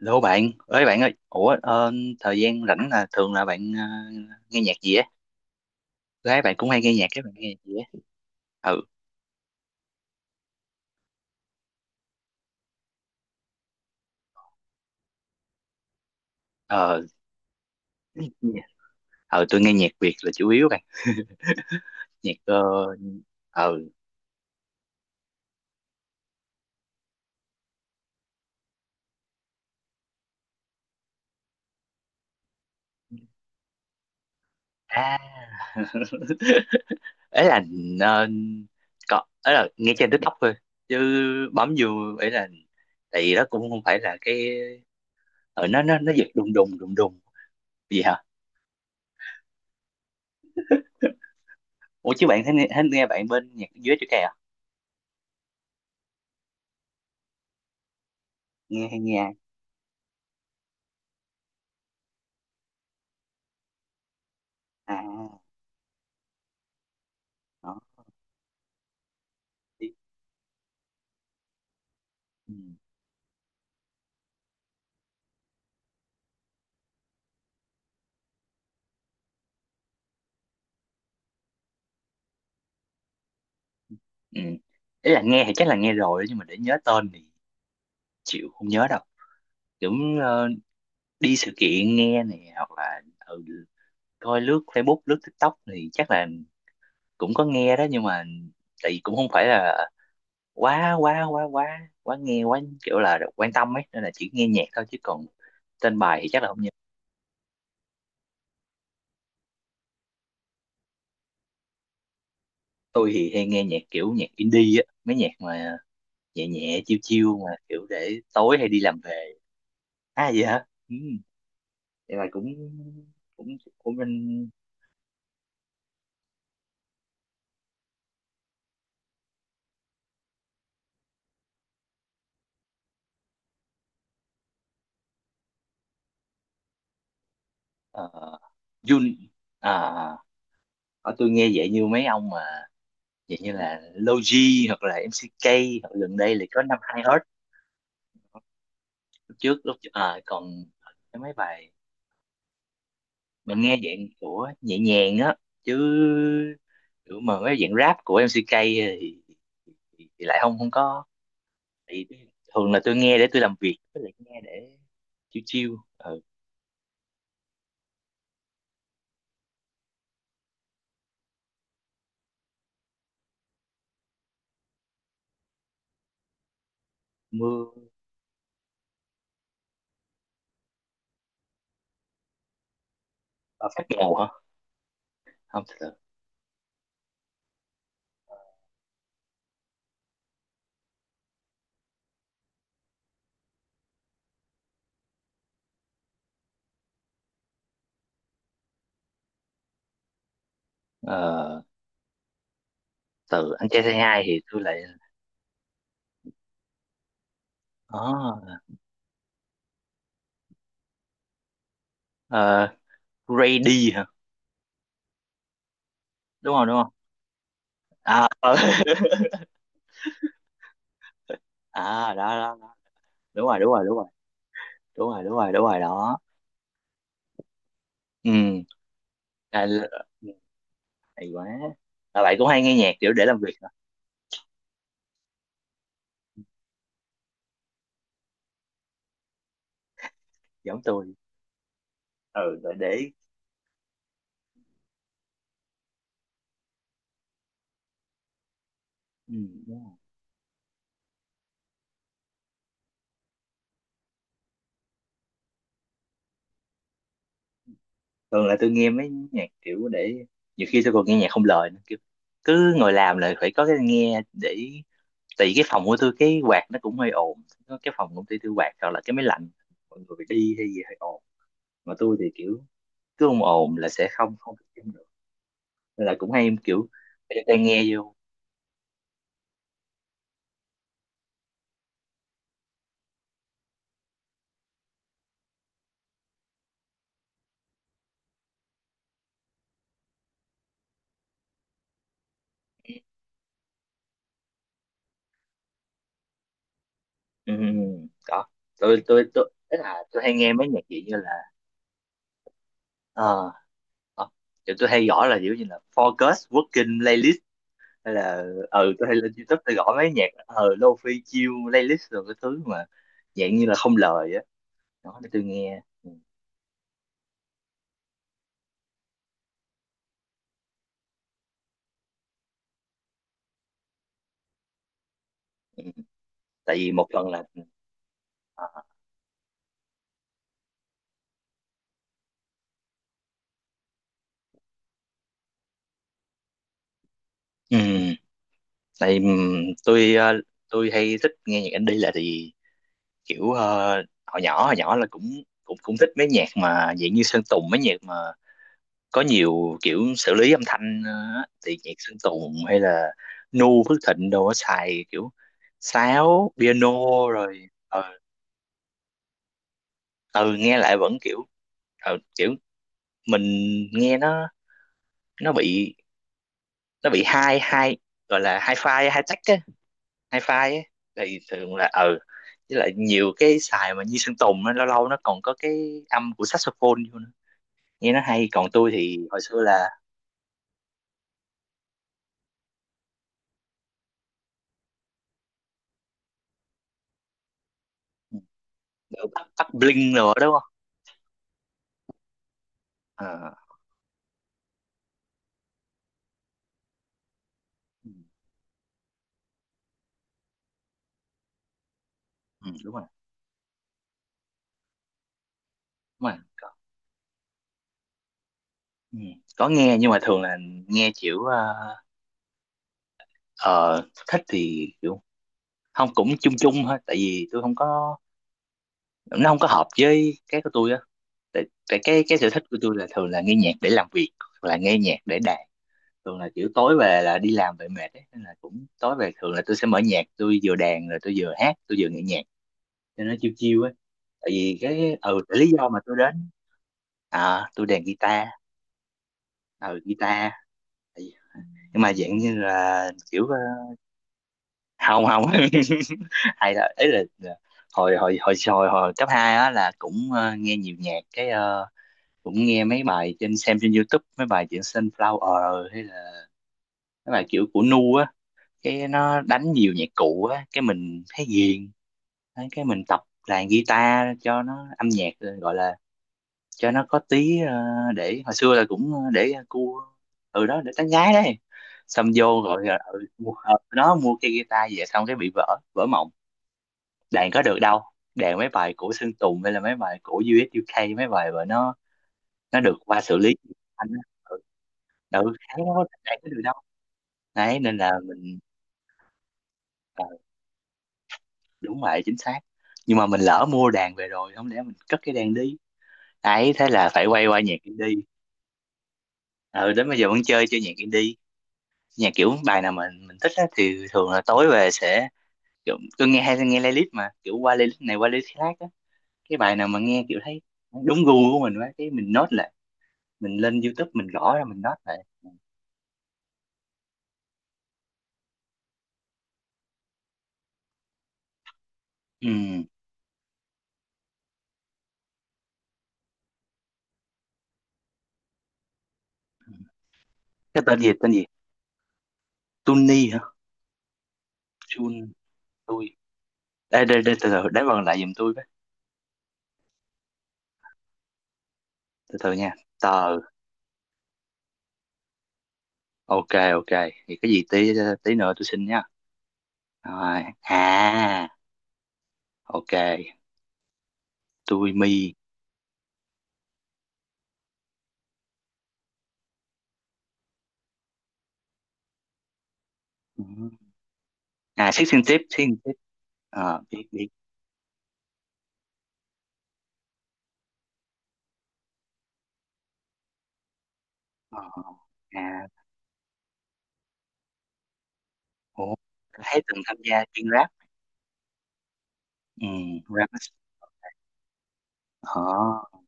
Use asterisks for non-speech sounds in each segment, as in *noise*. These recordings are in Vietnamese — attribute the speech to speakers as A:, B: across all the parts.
A: Hello bạn ơi, thời gian rảnh là thường là bạn nghe nhạc gì á? Gái bạn cũng hay nghe nhạc, các bạn nghe nhạc gì á? Ừ, ờ, ờ, tôi nghe nhạc Việt là chủ yếu bạn, nhạc ờ, à, *laughs* ấy là ờ, có, ấy là nghe trên TikTok thôi, chứ bấm vô ấy là, tại vì đó cũng không phải là cái, ờ, nó giật đùng đùng đùng đùng gì hả? Ủa chứ bạn thấy nghe bạn bên nhạc dưới chữ kè à? Nghe hay nghe ai? À? Đó. Ừ. Ừ. Ý là nghe thì chắc là nghe rồi đó, nhưng mà để nhớ tên thì chịu không nhớ đâu kiểu ờ, đi sự kiện nghe này hoặc là ừ, coi lướt Facebook lướt TikTok thì chắc là cũng có nghe đó nhưng mà tại vì cũng không phải là quá quá quá quá quá nghe quá kiểu là quan tâm ấy nên là chỉ nghe nhạc thôi chứ còn tên bài thì chắc là không nhớ. Tôi thì hay nghe nhạc kiểu nhạc indie á mấy nhạc mà nhẹ nhẹ chiêu chiêu mà kiểu để tối hay đi làm về. À vậy hả ừ. Thế là cũng cũng của mình ờ, Jun à ở tôi nghe vậy như mấy ông mà vậy như là Logi hoặc là MCK hoặc gần đây là có năm hai hết lúc trước còn cái mấy bài mình nghe dạng của nhẹ nhàng á chứ kiểu mà mấy dạng rap của MCK thì lại không không có thì thường là tôi nghe để tôi làm việc với lại nghe để chiêu chiêu mưa phát màu hả không thật ờ từ anh trai say hi thì tôi lại có ờ, Grady hả đúng không à ờ. *laughs* À đó, đó đó. Đúng rồi đúng rồi đúng rồi đúng rồi đúng rồi đúng rồi đó ừ à, l- hay quá. À, bạn cũng hay nghe nhạc kiểu để làm việc hả giống tôi ừ để ừ, đúng rồi. Thường là tôi nghe mấy nhạc kiểu để nhiều khi tôi còn nghe nhạc không lời nữa kiểu cứ ngồi làm là phải có cái nghe để tại vì cái phòng của tôi cái quạt nó cũng hơi ồn có cái phòng công ty tôi quạt hoặc là cái máy lạnh mọi người phải đi hay gì hơi ồn mà tôi thì kiểu cứ ồn ồn là sẽ không không tập trung được nên là cũng hay kiểu phải cho tai nghe vô ừ. đó tôi tức là tôi hay nghe mấy nhạc gì như là ờ ờ, kiểu tôi hay gõ là kiểu như là focus working playlist hay là ừ tôi hay lên YouTube tôi gõ mấy nhạc lofi chill playlist rồi cái thứ mà dạng như là không lời á đó để tôi nghe ừ. Tại vì một phần là ờ, ừ, tại tôi tôi hay thích nghe nhạc indie là tại vì kiểu hồi nhỏ là cũng cũng cũng thích mấy nhạc mà dạng như Sơn Tùng mấy nhạc mà có nhiều kiểu xử lý âm thanh á. Thì nhạc Sơn Tùng hay là Nu Phước Thịnh đồ á, xài kiểu sáo piano rồi ừ nghe lại vẫn kiểu kiểu mình nghe nó nó bị nó bị hai hai gọi là hai file hai tách á hai file á thì thường là ừ với lại nhiều cái xài mà như Sơn Tùng á lâu lâu nó còn có cái âm của saxophone vô nữa nghe nó hay còn tôi thì hồi xưa là ừ, bắt bắt bling rồi đó đúng không. Ờ, ừ, ừ, đúng rồi đúng rồi có, ừ, có nghe nhưng mà thường là nghe kiểu ờ, thích thì kiểu không cũng chung chung thôi tại vì tôi không có nó không có hợp với cái của tôi á tại, tại cái sở thích của tôi là thường là nghe nhạc để làm việc hoặc là nghe nhạc để đàn thường là kiểu tối về là đi làm về mệt ấy nên là cũng tối về thường là tôi sẽ mở nhạc tôi vừa đàn rồi tôi vừa hát tôi vừa nghe nhạc cho nó chiêu chiêu ấy tại vì cái ừ tại lý do mà tôi đến à, tôi đàn guitar ừ guitar. Tại vì- nhưng mà dạng như là kiểu không không *laughs* hay là ấy là hồi hồi hồi hồi hồi cấp 2 á là cũng nghe nhiều nhạc cái cũng nghe mấy bài trên xem trên YouTube mấy bài chuyện Sunflower hay là mấy bài kiểu của Nu á cái nó đánh nhiều nhạc cụ á cái mình thấy ghiền. Đấy, cái mình tập đàn guitar cho nó âm nhạc gọi là cho nó có tí để hồi xưa là cũng để cua ừ đó để tán gái đấy xong vô rồi mua, nó mua cái guitar về xong cái bị vỡ vỡ mộng đàn có được đâu đàn mấy bài của Sơn Tùng hay là mấy bài của U.S. u UK mấy bài mà nó được qua xử lý anh á. ừ, ừ khéo đó, đàn có được đâu đấy nên là mình Ờ, đúng vậy chính xác nhưng mà mình lỡ mua đàn về rồi không lẽ mình cất cái đàn đi ấy thế là phải quay qua nhạc indie ờ đến bây giờ vẫn chơi chơi nhạc indie nhà kiểu bài nào mà mình thích á, thì thường là tối về sẽ kiểu tôi nghe hay nghe playlist mà kiểu qua playlist này qua playlist khác á cái bài nào mà nghe kiểu thấy đúng gu của mình quá cái mình note lại mình lên YouTube mình gõ ra mình note lại ừ. Cái tên gì Tuni hả Chun tôi đây đây đây từ từ đánh vần lại giùm tôi với từ từ nha tờ ok ok thì cái gì tí tí nữa tôi xin nha rồi à ok tôi mi. Ừ. À xích xin tiếp xích tiếp. Ờ, biết biết. Ờ, à, ủa, thấy từng tham gia chuyên rap, ừ, rap, ờ,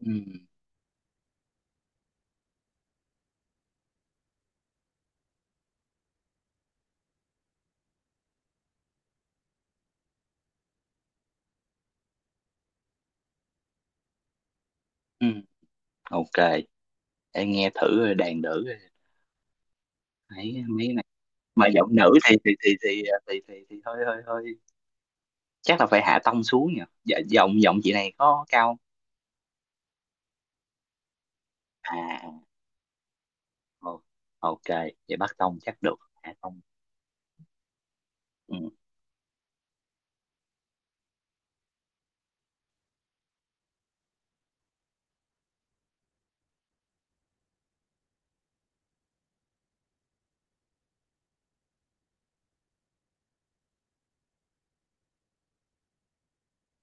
A: ừ, ừ, ok, để nghe thử rồi đàn nữ rồi, thấy mấy cái này, mà giọng nữ thì hơi hơi hơi, chắc là phải hạ tông xuống nhỉ, dạ, giọng giọng chị này có cao không? À, ồ, ok, vậy bắt tông chắc được, hạ tông, ừ,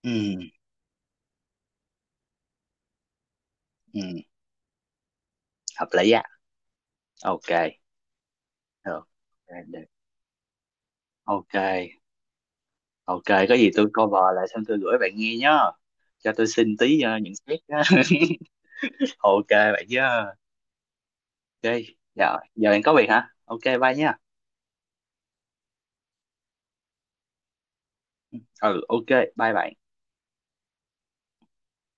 A: ừ, ừ, hợp lý á, ok, được, ok, được. Ok, ok, có gì tôi cover lại xong tôi gửi bạn nghe nhá. Cho tôi xin tí nhận xét á. *laughs* Ok bạn nhá. Ok, dạ, giờ bạn có việc hả? Ok, bye nhá. Ừ, ok, bye bạn.